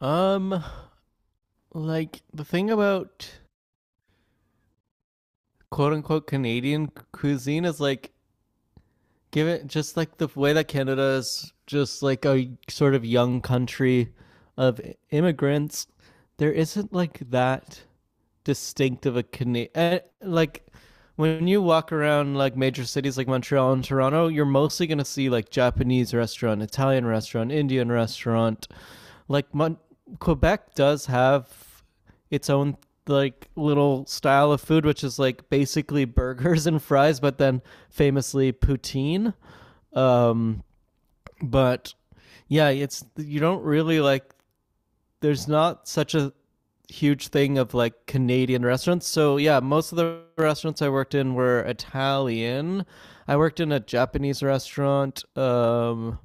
Um, like the thing about quote unquote Canadian cuisine is like give it just like the way that Canada is just like a sort of young country of immigrants. There isn't like that distinctive a Canadian like when you walk around like major cities like Montreal and Toronto, you're mostly gonna see like Japanese restaurant, Italian restaurant, Indian restaurant, like Mon- Quebec does have its own like little style of food, which is like basically burgers and fries, but then famously poutine. Um, but yeah, it's you don't really like. There's not such a huge thing of like Canadian restaurants. So yeah, most of the restaurants I worked in were Italian. I worked in a Japanese restaurant.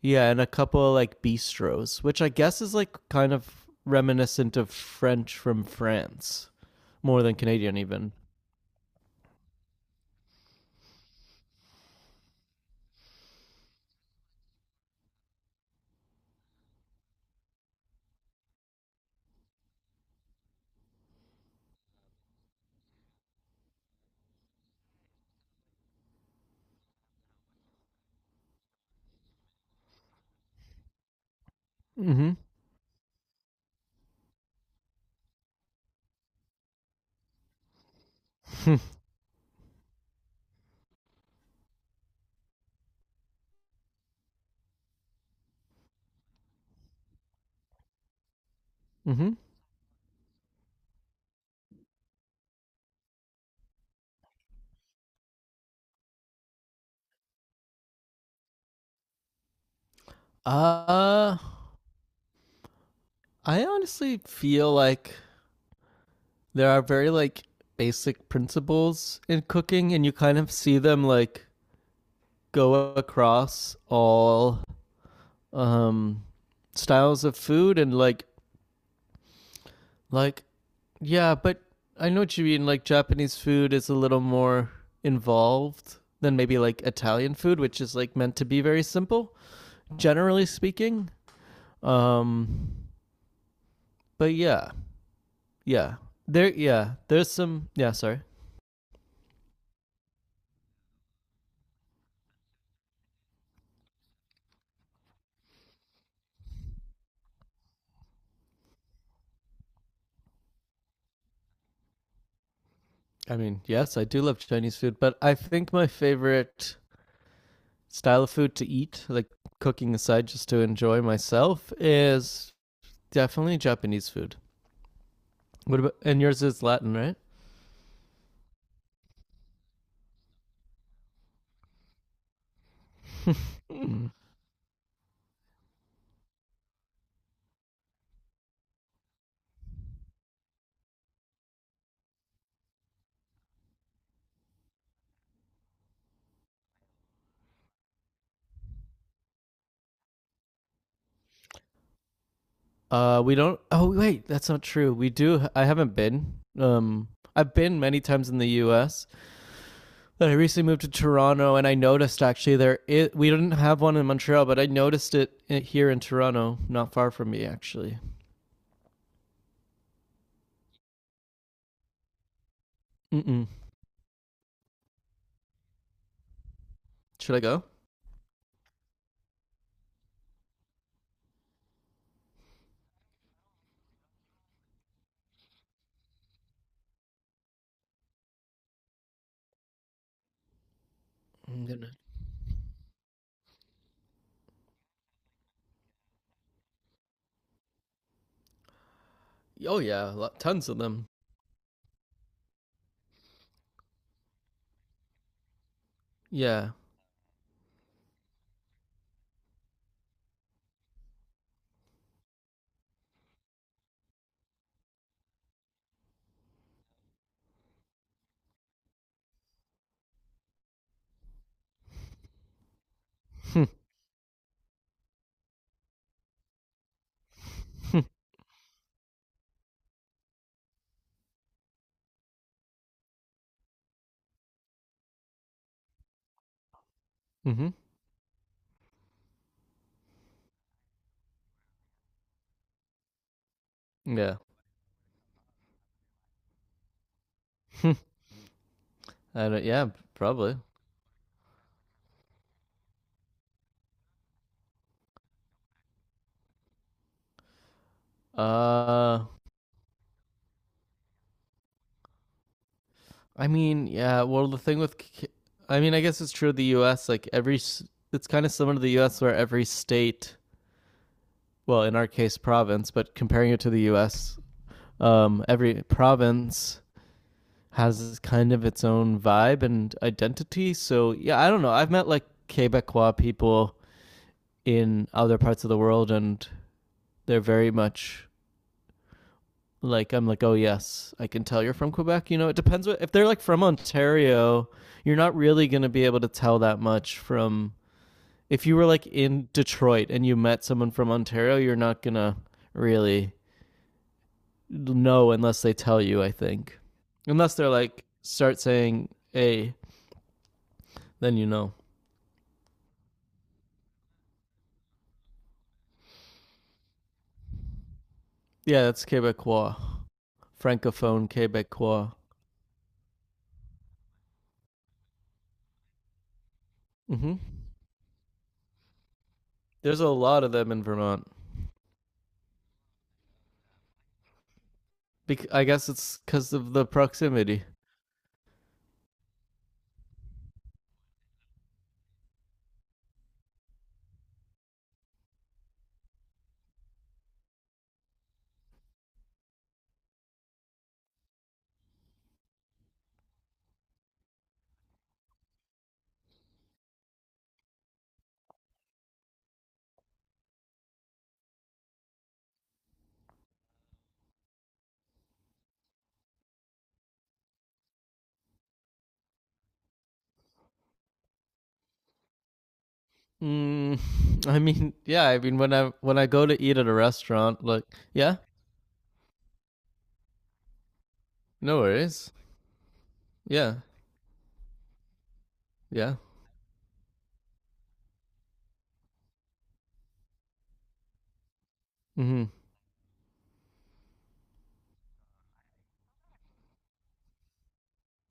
Yeah, and a couple of like bistros, which I guess is like kind of reminiscent of French from France, more than Canadian even. Mm-hmm. Mm-hmm. Uh, I honestly feel like there are very like basic principles in cooking, and you kind of see them like go across all um styles of food, and like yeah, but I know what you mean. Like Japanese food is a little more involved than maybe like Italian food, which is like meant to be very simple, generally speaking. Um, but yeah, yeah, there's some. Yeah, sorry. I mean, yes, I do love Chinese food, but I think my favorite style of food to eat, like cooking aside, just to enjoy myself, is definitely Japanese food. What about and yours is Latin, right? We don't. Oh wait, that's not true. We do. I haven't been. I've been many times in the U.S., but I recently moved to Toronto, and I noticed actually there it we didn't have one in Montreal, but I noticed it here in Toronto, not far from me actually. Mm-mm. Should I go? I'm gonna. Oh yeah, tons of them. Yeah. Mm-hmm. Yeah. I don't. Yeah, probably. Uh, I mean, yeah. Well, I mean, I guess it's true of the U.S. Like every, it's kind of similar to the U.S. where every state, well, in our case, province, but comparing it to the U.S., every province has kind of its own vibe and identity. So yeah, I don't know. I've met like Quebecois people in other parts of the world, and they're very much like I'm like, oh yes, I can tell you're from Quebec. You know, it depends what if they're like from Ontario, you're not really gonna be able to tell that much from if you were like in Detroit and you met someone from Ontario, you're not gonna really know unless they tell you, I think. Unless they're like start saying A, then you know. Yeah, that's Quebecois. Francophone Quebecois. Hmm. There's a lot of them in Vermont. I guess it's because of the proximity. Mm, I mean, yeah. I mean, when I go to eat at a restaurant, like, yeah, no worries. Yeah, yeah. Hmm.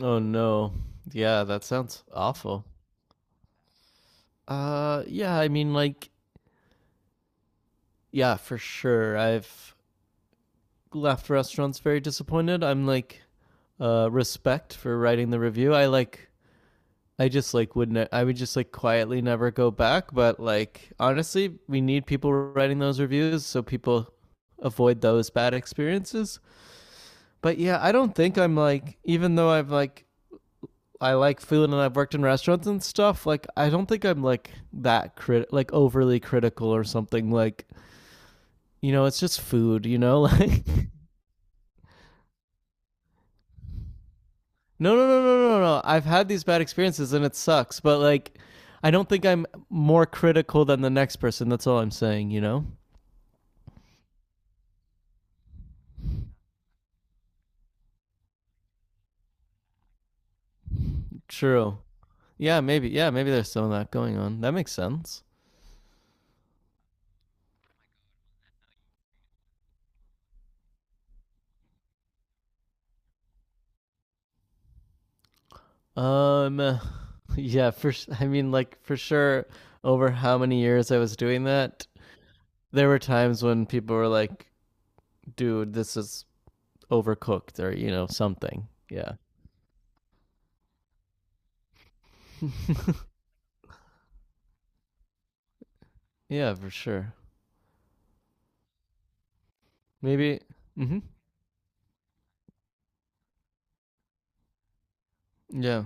Oh no. Yeah, that sounds awful. Yeah. I mean, like, yeah, for sure. I've left restaurants very disappointed. I'm like, respect for writing the review. I like I just like would not I would just like quietly never go back. But like honestly, we need people writing those reviews so people avoid those bad experiences. But yeah, I don't think I'm like even though I've like I like food and I've worked in restaurants and stuff, like I don't think I'm like that crit like overly critical or something like you know, it's just food, you know? Like no, no, no, no, no, no. I've had these bad experiences and it sucks, but like I don't think I'm more critical than the next person. That's all I'm saying, you know? True. Yeah, maybe. Yeah, maybe there's some of that going on. That makes sense. Um, yeah, I mean, like for sure, over how many years I was doing that, there were times when people were like, "Dude, this is overcooked," or you know, something. Yeah. Yeah, for sure. Maybe. Hmm. Yeah.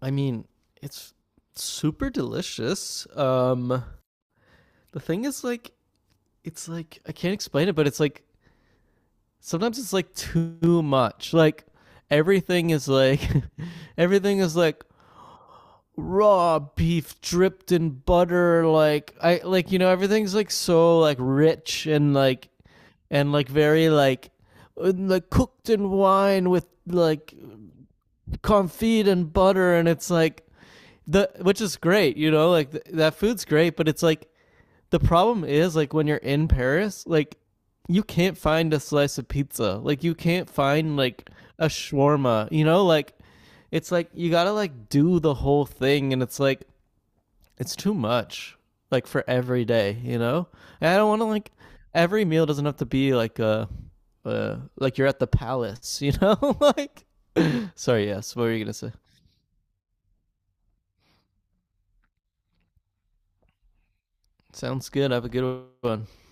I mean, it's super delicious. The thing is, like, it's like I can't explain it, but it's like sometimes it's like too much. Like everything is like everything is like raw beef dripped in butter like I like you know everything's like so like rich and like very like cooked in wine with like confit and butter and it's like the which is great, you know, like that food's great, but it's like the problem is like when you're in Paris, like you can't find a slice of pizza. Like you can't find like a shawarma. You know, like it's like you gotta like do the whole thing, and it's like it's too much. Like for every day, you know. And I don't want to like every meal doesn't have to be like a. Like you're at the palace, you know. Like, sorry, yes. What were you gonna say? Sounds good. Have a good one.